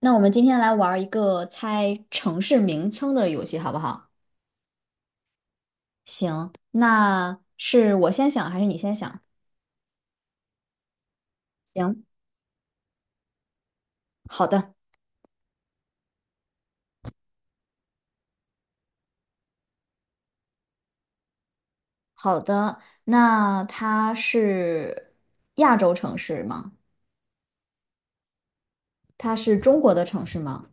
那我们今天来玩一个猜城市名称的游戏，好不好？行，那是我先想还是你先想？行，好的，好的。那它是亚洲城市吗？它是中国的城市吗？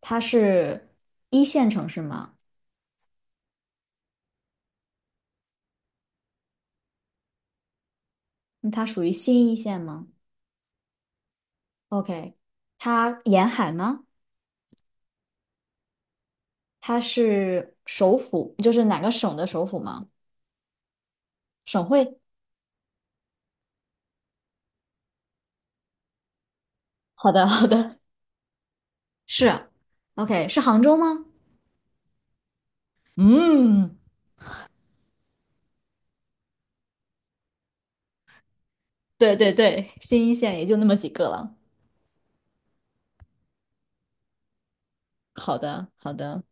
它是一线城市吗？嗯它属于新一线吗？OK，它沿海吗？它是首府，就是哪个省的首府吗？省会？好的，好的，是啊。OK，是杭州吗？嗯，对对对，新一线也就那么几个了。好的，好的，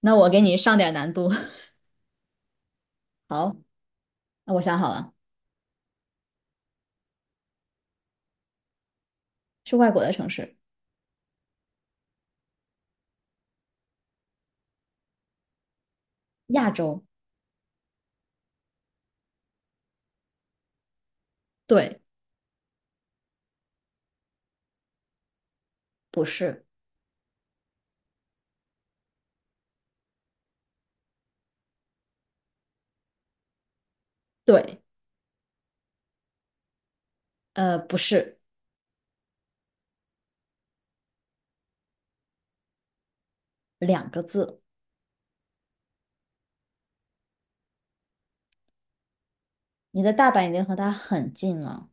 那我给你上点难度。好，那我想好了，是外国的城市，亚洲，对，不是，对，不是，两个字。你的大阪已经和它很近了。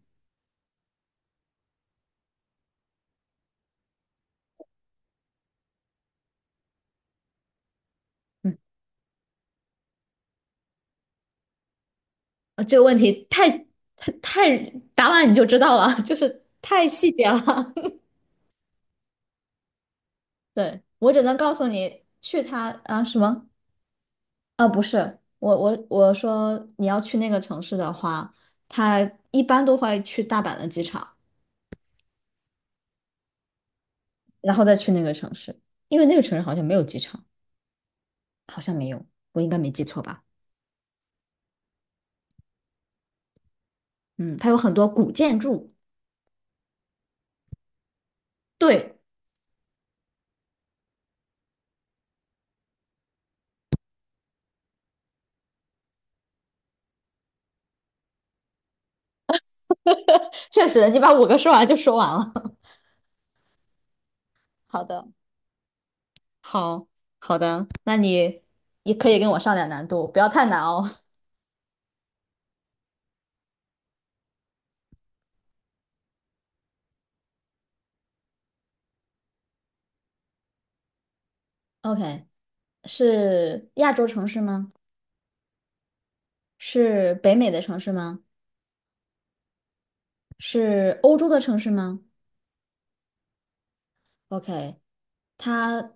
嗯，这个问题太太太答完你就知道了，就是太细节了。对，我只能告诉你去它啊什么？啊，不是，我说你要去那个城市的话，他一般都会去大阪的机场，然后再去那个城市，因为那个城市好像没有机场，好像没有，我应该没记错吧？嗯，它有很多古建筑。对，确实，你把五个说完就说完了。好的，好好的，那你也可以跟我上点难度，不要太难哦。OK，是亚洲城市吗？是北美的城市吗？是欧洲的城市吗？OK，他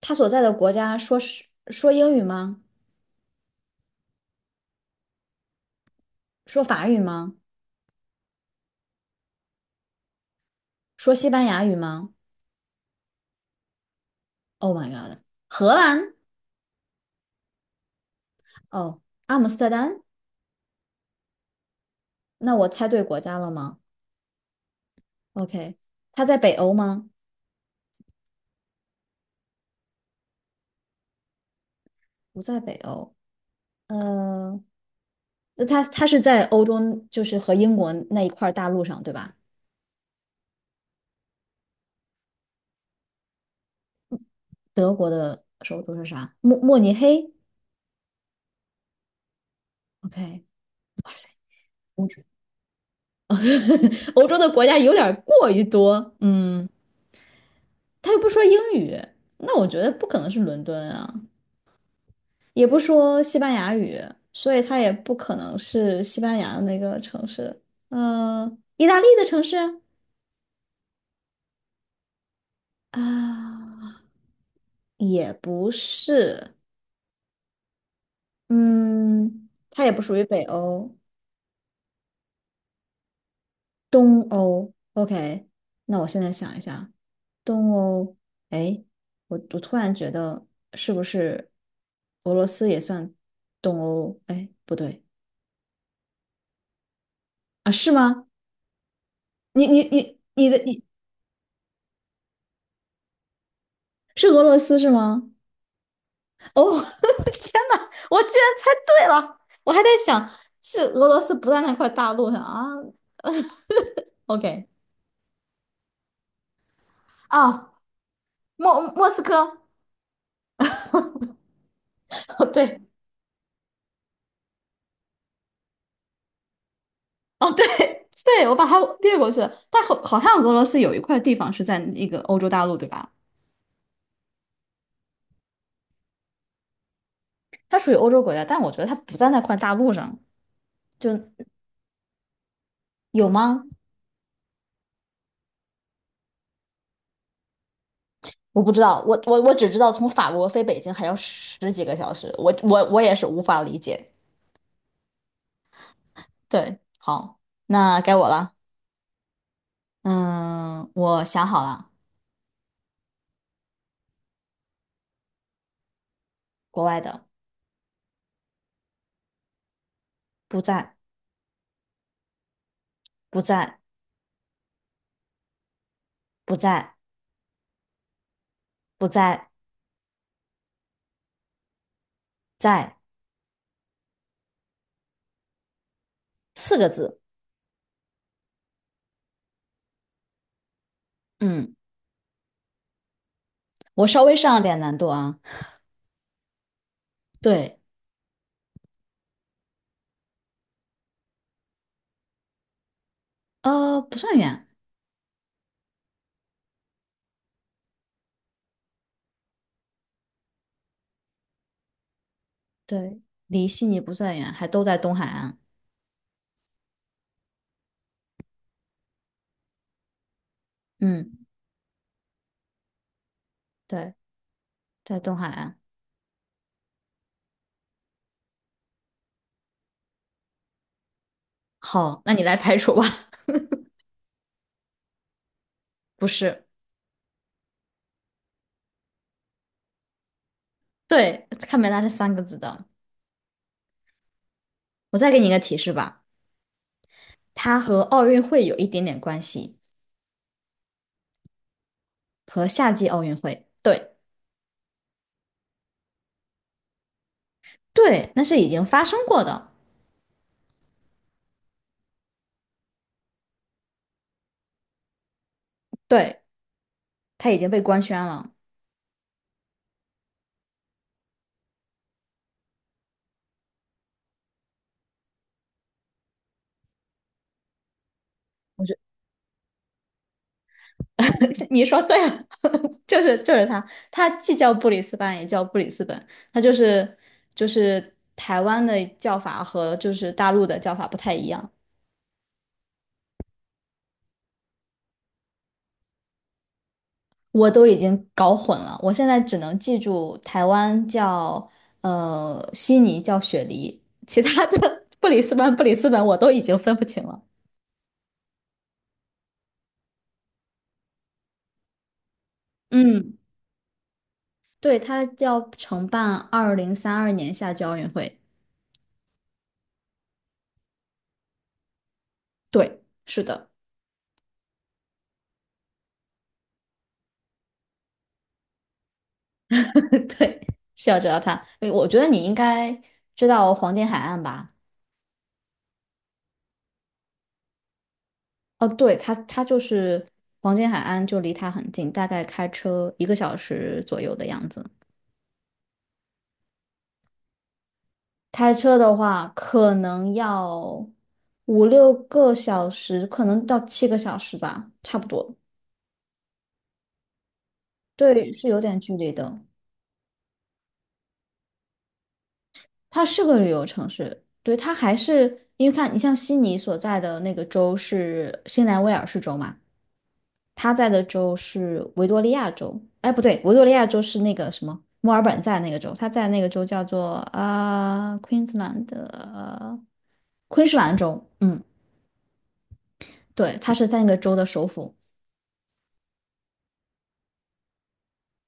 他所在的国家说英语吗？说法语吗？说西班牙语吗？Oh my god！荷兰？哦，阿姆斯特丹？那我猜对国家了吗？OK，他在北欧吗？不在北欧。呃，那他是在欧洲，就是和英国那一块儿大陆上，对吧？德国的首都是啥？慕尼黑？OK，哇塞，欧洲 欧洲的国家有点儿过于多。嗯，他又不说英语，那我觉得不可能是伦敦啊，也不说西班牙语，所以他也不可能是西班牙的那个城市。嗯、意大利的城市啊，啊也不是。嗯，它也不属于北欧，东欧。OK，那我现在想一下，东欧。哎，我突然觉得是不是俄罗斯也算东欧？哎，不对啊，是吗？你是俄罗斯是吗？哦，天呐，我居然猜对了！我还在想是俄罗斯不在那块大陆上啊。OK 啊，莫斯科。哦对，哦对 对，我把它略过去了。但好像俄罗斯有一块地方是在那个欧洲大陆，对吧？它属于欧洲国家，但我觉得它不在那块大陆上，就有吗？我不知道，我只知道从法国飞北京还要10几个小时，我也是无法理解。对，好，那该我了。嗯，我想好了，国外的，不在，不在，不在，不在，在四个字。嗯，我稍微上了点难度啊。对，不算远，对，离悉尼不算远，还都在东海岸。嗯，对，在东海岸。好，那你来排除吧。不是，对，看没拉是三个字的。我再给你一个提示吧，它和奥运会有一点点关系，和夏季奥运会。对。对，那是已经发生过的，对，他已经被官宣了。你说对了，就是他，他既叫布里斯班也叫布里斯本，他就是台湾的叫法和就是大陆的叫法不太一样，我都已经搞混了，我现在只能记住台湾叫悉尼叫雪梨，其他的 布里斯班布里斯本我都已经分不清了。嗯，对，他要承办2032年夏季奥运会。对，是的，对，是要知道它。诶我觉得你应该知道黄金海岸吧？哦，对，它就是黄金海岸，就离它很近，大概开车1个小时左右的样子。开车的话，可能要5、6个小时，可能到7个小时吧，差不多。对，是有点距离的。它是个旅游城市，对，它还是因为看你像悉尼所在的那个州是新南威尔士州嘛。他在的州是维多利亚州，哎，不对，维多利亚州是那个什么，墨尔本在那个州，他在那个州叫做Queensland 的昆士兰州，嗯，对，他是在那个州的首府。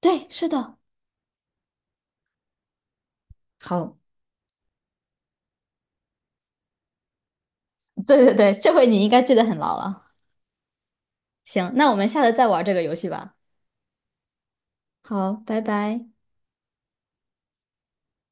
对，是的，好，对对对，这回你应该记得很牢了。行，那我们下次再玩这个游戏吧。好，拜拜。